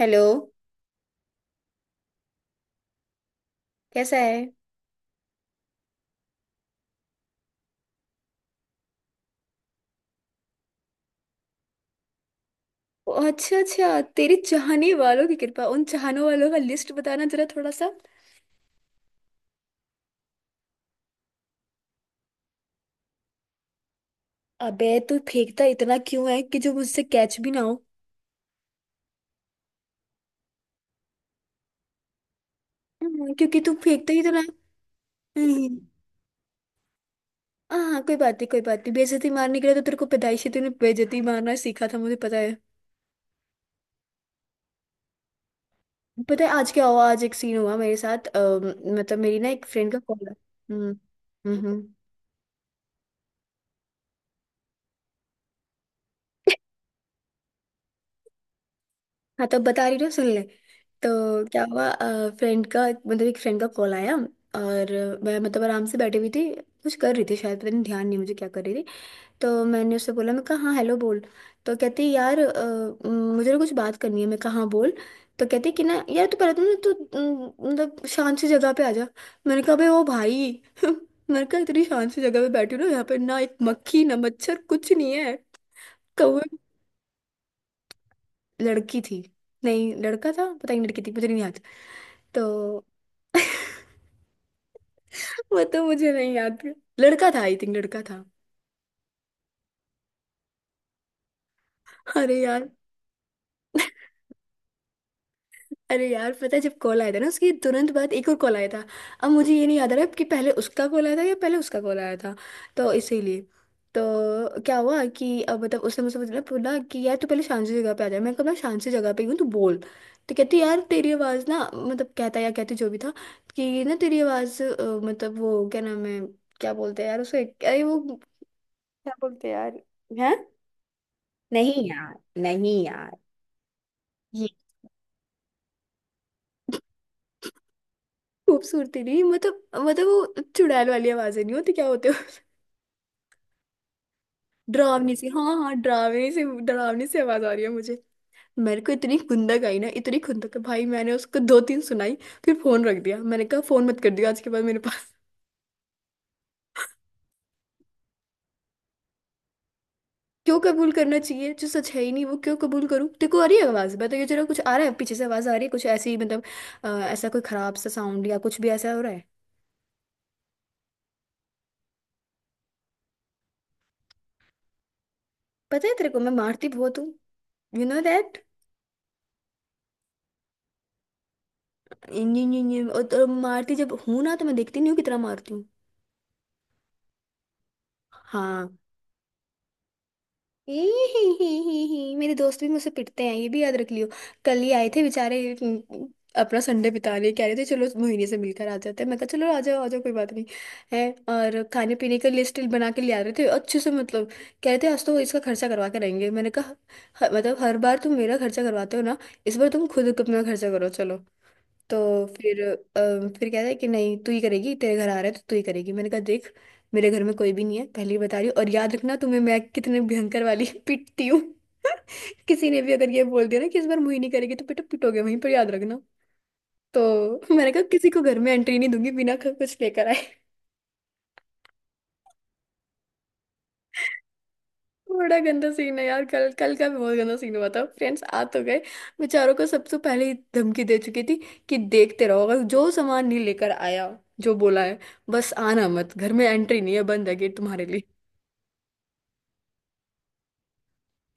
Hello. कैसा है? अच्छा अच्छा, तेरे चाहने वालों की कृपा। उन चाहने वालों का लिस्ट बताना जरा थोड़ा सा। अबे, तू फेंकता इतना क्यों है कि जो मुझसे कैच भी ना हो? क्योंकि तू फेंकता ही इतना है। हम्म। हाँ, कोई बात नहीं कोई बात नहीं। बेइज्जती मारने के लिए तो तेरे को पैदाइशी, तूने बेइज्जती मारना सीखा था, मुझे पता है। पता है आज क्या हुआ? आज एक सीन हुआ मेरे साथ। मतलब मेरी ना एक फ्रेंड का कॉल। हम्म हम्म। हाँ, तब बता रही ना, सुन ले। तो क्या हुआ? फ्रेंड का मतलब एक फ्रेंड का कॉल आया। और मैं, मतलब, आराम से बैठी हुई थी। कुछ कर रही थी शायद, पता नहीं, ध्यान नहीं मुझे क्या कर रही थी। तो मैंने उससे बोला, मैं कहा, हाँ हेलो बोल। तो कहती यार, मुझे ना कुछ बात करनी है। मैं कहा, हाँ बोल। तो कहती कि ना यार, तू पहले तो ना, तू, मतलब शांत सी जगह पे आ जा। मैंने कहा भाई, ओ भाई मैंने कहा इतनी शांत सी जगह पे बैठी हूँ ना, यहाँ पे ना एक मक्खी ना मच्छर, कुछ नहीं है। लड़की थी। नहीं, लड़का था, पता नहीं, लड़की थी, मुझे नहीं याद। तो वो तो मुझे नहीं याद। लड़का था, आई थिंक लड़का था। अरे यार। अरे यार, पता है जब कॉल आया था ना, उसके तुरंत बाद एक और कॉल आया था। अब मुझे ये नहीं याद आ रहा कि पहले उसका कॉल आया था या पहले उसका कॉल आया था। तो इसीलिए। तो क्या हुआ कि अब मतलब उसने मुझसे बोला बोला कि यार, तू पहले शांत सी जगह पे आ जा। मैं कहा, मैं शांत सी जगह पे ही हूँ, तू बोल। तो कहती यार, तेरी आवाज़ ना, मतलब कहता या कहती जो भी था, कि ना तेरी आवाज़, मतलब वो क्या नाम है, क्या बोलते हैं यार उसे, अरे वो, क्या बोलते हैं यार? हैं? नहीं यार। नहीं यार। खूबसूरती नहीं, मतलब, मतलब वो चुड़ैल वाली आवाज़ें नहीं होती क्या होते? डरावनी सी, हाँ हाँ, डरावनी से डरावनी सी आवाज आ रही है मुझे। मेरे को इतनी खुंदक आई ना, इतनी खुंदक, भाई मैंने उसको दो तीन सुनाई। फिर फोन रख दिया, मैंने कहा फोन मत कर दिया आज के बाद मेरे पास। क्यों कबूल करना चाहिए? जो सच है ही नहीं, वो क्यों कबूल करूँ? देखो, आ रही है आवाज, बताइए जरा, कुछ आ रहा है, पीछे से आवाज आ रही है कुछ ऐसी मतलब। ऐसा कोई खराब सा साउंड या कुछ भी ऐसा हो रहा है? पता है तेरे को, मैं मारती बहुत हूँ, यू नो दैट। और मारती जब हूँ ना तो मैं देखती नहीं हूँ कितना मारती हूँ। हाँ। ही ही ही। मेरे दोस्त भी मुझसे पिटते हैं, ये भी याद रख लियो। कल ही आए थे बेचारे। अपना संडे बिता लिए, कह रहे थे चलो मोहिनी से मिलकर आ जाते हैं। मैं कहा, चलो आ जाओ कोई बात नहीं है। और खाने पीने का लिस्ट बना के ले आ रहे थे अच्छे से, मतलब कह रहे थे आज तो इसका खर्चा करवा के रहेंगे। मैंने कहा, मतलब हर बार तुम मेरा खर्चा करवाते हो ना, इस बार तुम खुद अपना खर्चा करो चलो। तो फिर, फिर कहता है कि नहीं, तू ही करेगी, तेरे घर आ रहा है तो तू ही करेगी। मैंने कहा देख, मेरे घर में कोई भी नहीं है, पहले ही बता रही हूँ, और याद रखना, तुम्हें मैं कितने भयंकर वाली पिटती हूँ। किसी ने भी अगर ये बोल दिया ना कि इस बार मुही नहीं करेगी, तो बेटा पिटोगे वहीं पर, याद रखना। तो मैंने कहा किसी को घर में एंट्री नहीं दूंगी बिना कुछ लेकर आए। बड़ा गंदा सीन है यार। कल कल का भी बहुत गंदा सीन हुआ था। फ्रेंड्स आ तो गए, बेचारों को सबसे पहले ही धमकी दे चुकी थी कि देखते रहो, अगर जो सामान नहीं लेकर आया, जो बोला है, बस आना मत, घर में एंट्री नहीं है, बंद है गेट तुम्हारे लिए।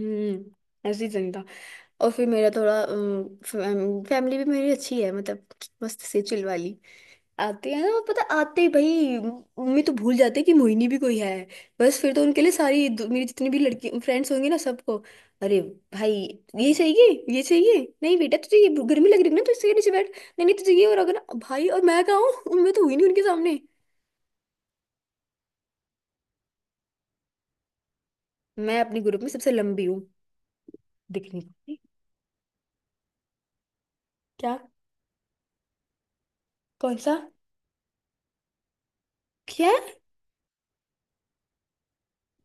हम्म, ऐसी सीन था। और फिर मेरा थोड़ा, फैमिली भी मेरी अच्छी है, मतलब मस्त से चिल वाली। आते हैं ना, और पता आते ही भाई, मम्मी तो भूल जाते हैं कि मोहिनी भी कोई है। बस फिर तो उनके लिए मेरी जितनी भी लड़की फ्रेंड्स होंगी ना, सबको, अरे भाई, ये चाहिए ये चाहिए, नहीं बेटा तुझे ये गर्मी लग रही है ना तो इसके नीचे बैठ, नहीं नहीं तुझे ये, और अगर भाई, और मैं कहाँ हूँ। मैं तो हुई नहीं उनके सामने। मैं अपने ग्रुप में सबसे लंबी हूँ, दिखने को। क्या? कौन सा? क्या?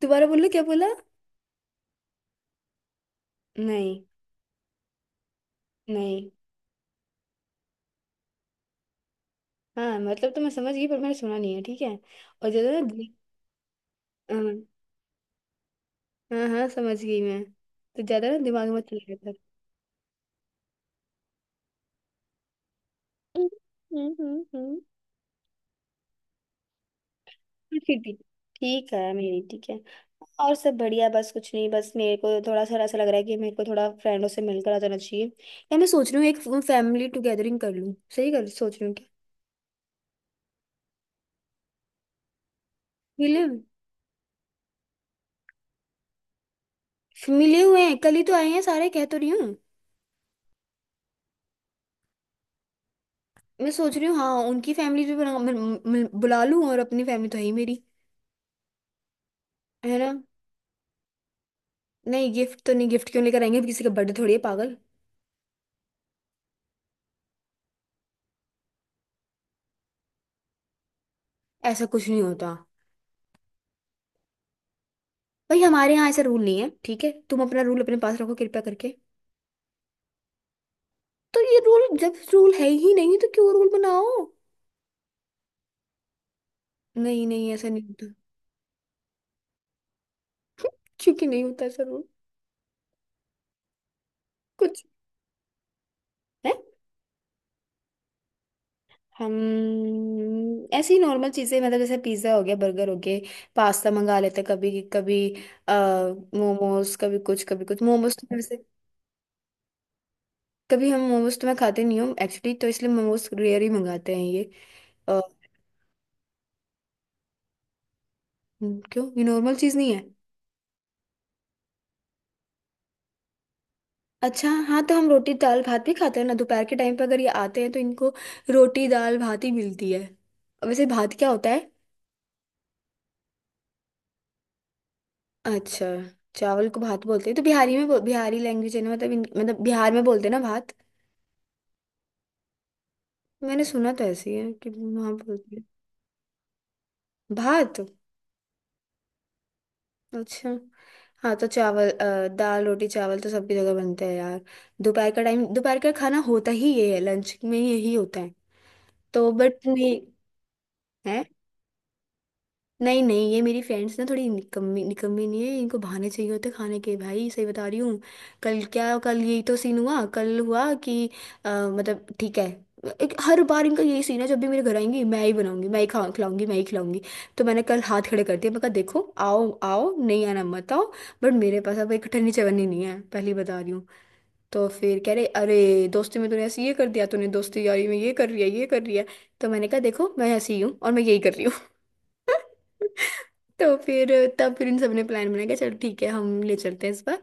दोबारा बोलो क्या बोला? नहीं। नहीं। हाँ, मतलब तो मैं समझ गई, पर मैंने सुना नहीं है, ठीक है? और ज्यादा ना। हाँ हाँ, समझ गई मैं। तो ज्यादा ना दिमाग मत चलाया कर। हम्म। ठीक ठीक। ठीक है, मेरी ठीक है। और सब बढ़िया, बस कुछ नहीं, बस मेरे को थोड़ा सा ऐसा लग रहा है कि मेरे को थोड़ा फ्रेंडों से मिलकर आ जाना चाहिए, या मैं सोच रही हूँ एक फैमिली टुगेदरिंग कर लूँ। सही कर सोच रही हूँ क्या? मिले। मिले हुए हैं कल ही तो आए हैं सारे, कह तो रही हूँ। मैं सोच रही हूँ, हाँ, उनकी फैमिली भी बुला लूँ, और अपनी फैमिली तो है ही मेरी। है ना? नहीं, गिफ्ट तो नहीं, गिफ्ट क्यों लेकर आएंगे? किसी का बर्थडे थोड़ी है, पागल! ऐसा कुछ नहीं होता। भाई हमारे यहाँ ऐसा रूल नहीं है, ठीक है? तुम अपना रूल अपने पास रखो कृपया करके। तो ये रूल, जब रूल है ही नहीं तो क्यों रूल बनाओ? नहीं नहीं, ऐसा नहीं होता। क्योंकि नहीं होता ऐसा रूल। कुछ है। हम, ऐसी नॉर्मल चीजें मतलब, जैसे पिज्जा हो गया, बर्गर हो गए, पास्ता मंगा लेते हैं, कभी कभी आ मोमोज, कभी कुछ कभी कुछ। मोमोज तो वैसे, कभी हम मोमोज, तो मैं खाते नहीं हूँ एक्चुअली, तो इसलिए मोमोज रेयर ही मंगाते हैं ये। अ, क्यों ये नॉर्मल चीज नहीं है? अच्छा, हाँ तो हम रोटी दाल भात भी खाते हैं ना, दोपहर के टाइम पे अगर ये आते हैं तो इनको रोटी दाल भात ही मिलती है। वैसे भात क्या होता है? अच्छा, चावल को भात बोलते हैं तो। बिहारी लैंग्वेज है ना, मतलब बिहार में बोलते हैं ना भात। मैंने सुना तो ऐसे ही है कि वहाँ बोलते हैं भात। अच्छा। हाँ तो चावल, दाल रोटी चावल तो सबकी जगह बनते हैं यार। दोपहर का टाइम, दोपहर का खाना होता ही ये है, लंच में यही होता है तो। बट नहीं। नहीं नहीं, ये मेरी फ्रेंड्स ना, थोड़ी निकम्मी, निकम्मी नहीं है, इनको बहाने चाहिए होते खाने के, भाई सही बता रही हूँ। कल क्या, कल यही तो सीन हुआ, कल हुआ कि, मतलब ठीक है, एक हर बार इनका यही सीन है, जब भी मेरे घर आएंगी, मैं ही बनाऊंगी, मैं ही खा खिलाऊंगी, मैं ही खिलाऊंगी। तो मैंने कल हाथ खड़े कर दिए, मैं कहा देखो, आओ आओ, नहीं आना मत आओ, बट मेरे पास अब एक ठन्नी चवन्नी नहीं है, पहली बता रही हूँ। तो फिर कह रहे अरे दोस्ती में तूने ऐसे ये कर दिया, तूने दोस्ती यारी में ये कर रही है ये कर रही है। तो मैंने कहा देखो, मैं ऐसी ही हूँ और मैं यही कर रही हूँ। तो फिर, तब फिर इन सबने प्लान बनाया कि चलो ठीक है, हम ले चलते हैं इस बार।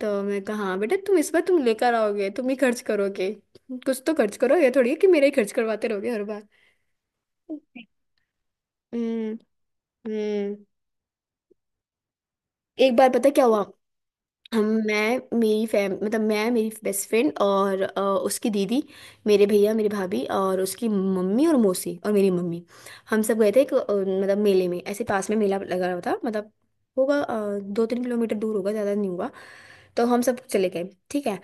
तो मैं कहा हाँ बेटा, तुम इस बार तुम लेकर आओगे, तुम ही खर्च करोगे, कुछ तो खर्च करो, ये थोड़ी है कि मेरे ही खर्च करवाते रहोगे हर बार। हम्म। हम्म। एक बार, पता क्या हुआ, हम, मैं, मेरी फैम मतलब, मैं, मेरी बेस्ट फ्रेंड और, उसकी दीदी, मेरे भैया, मेरी भाभी और उसकी मम्मी और मौसी और मेरी मम्मी, हम सब गए थे एक, मतलब मेले में, ऐसे पास में मेला लगा हुआ था, मतलब होगा 2-3 किलोमीटर दूर होगा, ज़्यादा नहीं होगा। तो हम सब चले गए। ठीक है।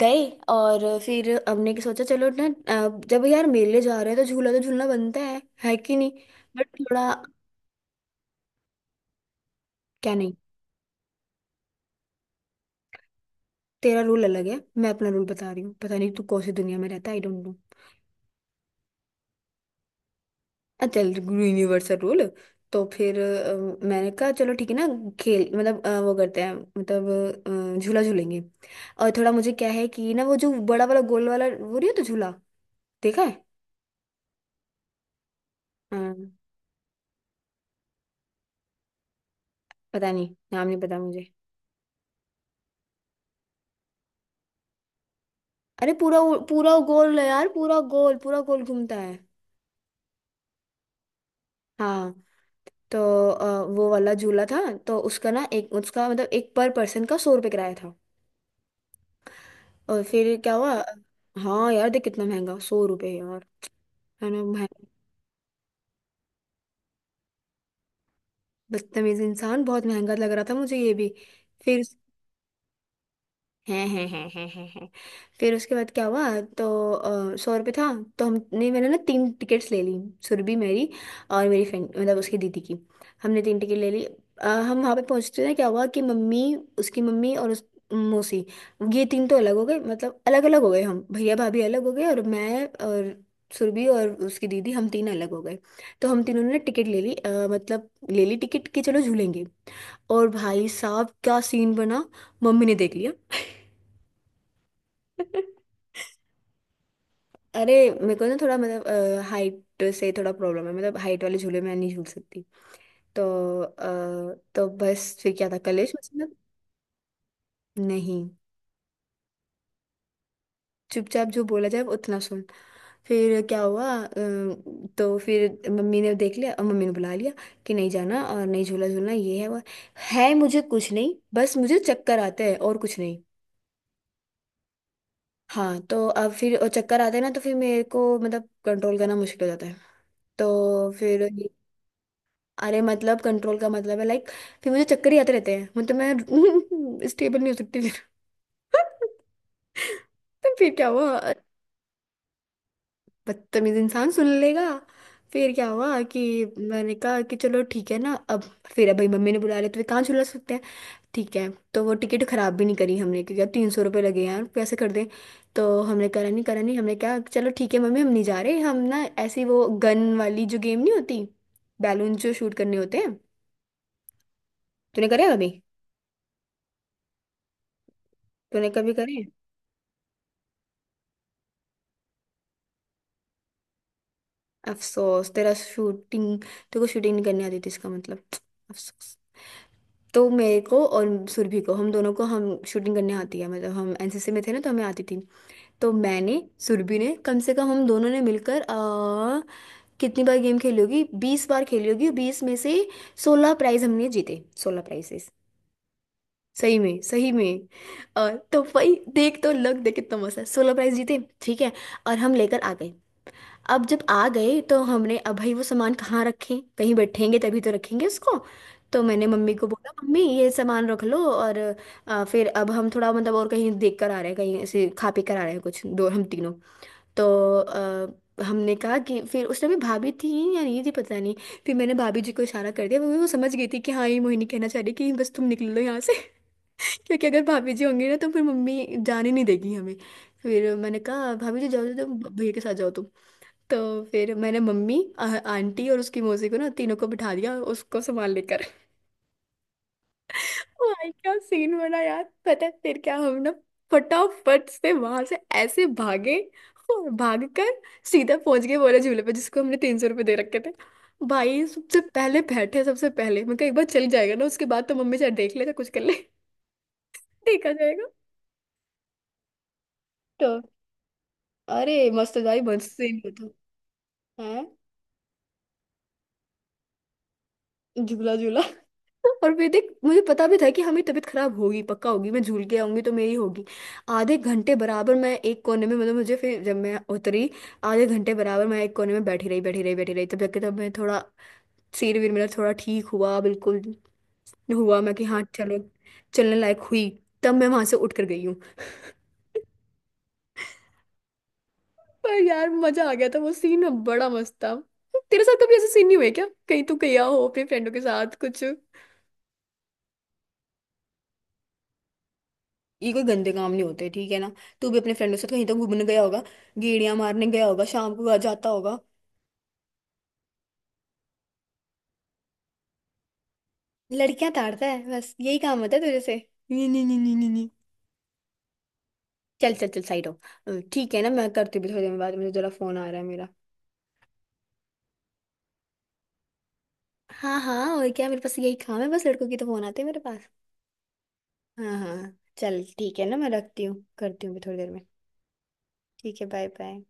गए और फिर हमने कि सोचा चलो ना, जब यार मेले जा रहे हैं तो झूला तो झूलना बनता है कि नहीं? बट थोड़ा, क्या नहीं? तेरा रूल अलग है, मैं अपना रूल बता रही हूँ, पता नहीं तू कौन सी दुनिया में रहता है, आई डोंट नो। चल। Universal rule. तो फिर, मैंने कहा चलो ठीक है ना, खेल मतलब, वो करते हैं मतलब, झूला झूलेंगे। और थोड़ा मुझे क्या है कि ना वो जो बड़ा वाला गोल वाला, वो नहीं होता झूला? देखा है? हाँ, पता नहीं नाम नहीं पता मुझे। अरे पूरा पूरा गोल है यार, पूरा गोल, पूरा गोल घूमता है। हाँ। तो, वो वाला झूला था। तो उसका ना एक, उसका मतलब एक पर पर्सन का 100 रुपये किराया था। और फिर क्या हुआ? हाँ यार देख, कितना महंगा, 100 रुपये यार, है ना? बदतमीज इंसान। बहुत महंगा लग रहा था मुझे ये भी। फिर उस- हैं हैं। फिर उसके बाद क्या हुआ। तो सौ रुपये था। तो हमने मैंने ना तीन टिकट्स ले ली। सुरभि मेरी और मेरी फ्रेंड मतलब उसकी दीदी की, हमने तीन टिकट ले ली। हम वहाँ पे पहुँचते ना क्या हुआ कि मम्मी, उसकी मम्मी और उस मौसी, ये तीन तो अलग हो गए, मतलब अलग अलग हो गए। हम भैया भाभी अलग हो गए और मैं और सुरभि और उसकी दीदी हम तीन अलग हो गए। तो हम तीनों ने टिकट ले ली, मतलब ले ली टिकट कि चलो झूलेंगे। और भाई साहब क्या सीन बना, मम्मी ने देख लिया। अरे मेरे को ना थोड़ा मतलब हाइट से थोड़ा प्रॉब्लम है, मतलब हाइट वाले झूले में नहीं झूल सकती। तो तो बस फिर क्या था, कलेश मतलब। नहीं, चुपचाप जो बोला जाए उतना सुन। फिर क्या हुआ, तो फिर मम्मी ने देख लिया और मम्मी ने बुला लिया कि नहीं जाना और नहीं झूला झूलना, ये है वो है। है मुझे कुछ नहीं, बस मुझे चक्कर आते हैं और कुछ नहीं। हाँ तो अब फिर और चक्कर आते हैं ना, तो फिर मेरे को मतलब कंट्रोल करना मुश्किल हो जाता है। तो फिर अरे मतलब कंट्रोल का मतलब है लाइक, फिर मुझे चक्कर ही आते रहते हैं मतलब मैं स्टेबल नहीं हो सकती फिर। तो फिर क्या हुआ। बदतमीज इंसान सुन लेगा। फिर क्या हुआ कि मैंने कहा कि चलो ठीक है ना अब। फिर अब भाई मम्मी ने बुला लिया तो फिर कहाँ झुला सकते हैं। ठीक है। तो वो टिकट खराब भी नहीं करी हमने क्योंकि अब 300 रुपये लगे यार, कैसे कर दें। तो हमने करा नहीं करा नहीं, हमने कहा चलो ठीक है मम्मी हम नहीं जा रहे। हम ना ऐसी वो गन वाली जो गेम नहीं होती, बैलून जो शूट करने होते हैं, तूने करे कभी। तूने कभी करे। अफसोस तेरा। शूटिंग, तेरे को शूटिंग नहीं करनी आती थी इसका मतलब। अफसोस। तो मेरे को और सुरभि को हम दोनों को हम शूटिंग करने आती है, मतलब हम एनसीसी में थे ना तो हमें आती थी। तो मैंने सुरभि ने कम से कम हम दोनों ने मिलकर कितनी बार गेम खेली होगी, 20 बार खेली होगी। बीस में से 16 प्राइज हमने जीते, 16 प्राइजेस। सही में सही में। और तो भाई देख तो, लग देख कितना मस्त है, 16 प्राइज जीते ठीक है। और हम लेकर आ गए। अब जब आ गए तो हमने अब भाई वो सामान कहाँ रखें, कहीं बैठेंगे तभी तो रखेंगे उसको। तो मैंने मम्मी को बोला मम्मी ये सामान रख लो, और फिर अब हम थोड़ा मतलब और कहीं देख कर आ रहे हैं, कहीं ऐसे खा पी कर आ रहे हैं कुछ दो, हम तीनों। तो हमने कहा कि फिर उस टाइम पे भाभी थी या नहीं थी पता नहीं। फिर मैंने भाभी जी को इशारा कर दिया, वो समझ गई थी कि हाँ ये मोहिनी कहना चाह रही है कि बस तुम निकल लो यहाँ से। क्योंकि अगर भाभी जी होंगी ना तो फिर मम्मी जाने नहीं देगी हमें। फिर मैंने कहा भाभी जी जाओ जाओ जाओ, भैया के साथ जाओ तुम। तो फिर मैंने मम्मी आंटी और उसकी मौसी को ना तीनों को बिठा दिया उसको संभाल लेकर। भाई क्या सीन बना यार, पता है फिर क्या, हम ना फटाफट से वहां से ऐसे भागे, और भाग कर सीधा पहुंच गए वाले झूले पे जिसको हमने 300 रुपये दे रखे थे। भाई सबसे पहले बैठे, सबसे पहले मैं कहा एक बार चल जाएगा ना उसके बाद तो मम्मी चाहे देख ले चाहे कुछ कर ले। देखा जाएगा। तो अरे मस्त भाई मस्त सीन होता है। झूला झूला। और फिर देख मुझे पता भी था कि हमें तबीयत खराब होगी पक्का होगी, मैं झूल के आऊंगी तो मेरी होगी। आधे घंटे बराबर मैं एक कोने में, मतलब मुझे फिर जब मैं उतरी आधे घंटे बराबर मैं एक कोने में बैठी रही बैठी रही बैठी रही, तब जाके तब मैं थोड़ा सिर वीर मेरा थोड़ा ठीक हुआ। बिल्कुल हुआ मैं कि हाँ चलो चलने लायक हुई, तब मैं वहां से उठ कर गई हूँ। पर यार मजा आ गया था, वो सीन बड़ा मस्त था। तेरे साथ कभी ऐसा सीन नहीं हुआ है क्या, कहीं तू गया हो अपने फ्रेंडों के साथ कुछ। ये कोई गंदे काम नहीं होते ठीक है ना, तू भी अपने फ्रेंडों के साथ कहीं तो घूमने गया होगा, गेड़िया मारने गया होगा शाम को घर जाता होगा। लड़कियां ताड़ता है बस यही काम होता है तुझे से। नहीं नहीं नहीं नहीं नहीं नहीं। चल चल चल साइड हो। ठीक है ना, मैं करती हूँ थोड़ी देर में बात, मुझे जरा फोन आ रहा है मेरा। हाँ हाँ और क्या, मेरे पास यही काम है बस, लड़कों की तो फोन आते हैं मेरे पास। हाँ हाँ। चल ठीक है ना, मैं रखती हूँ करती हूँ भी थोड़ी देर में। ठीक है बाय बाय।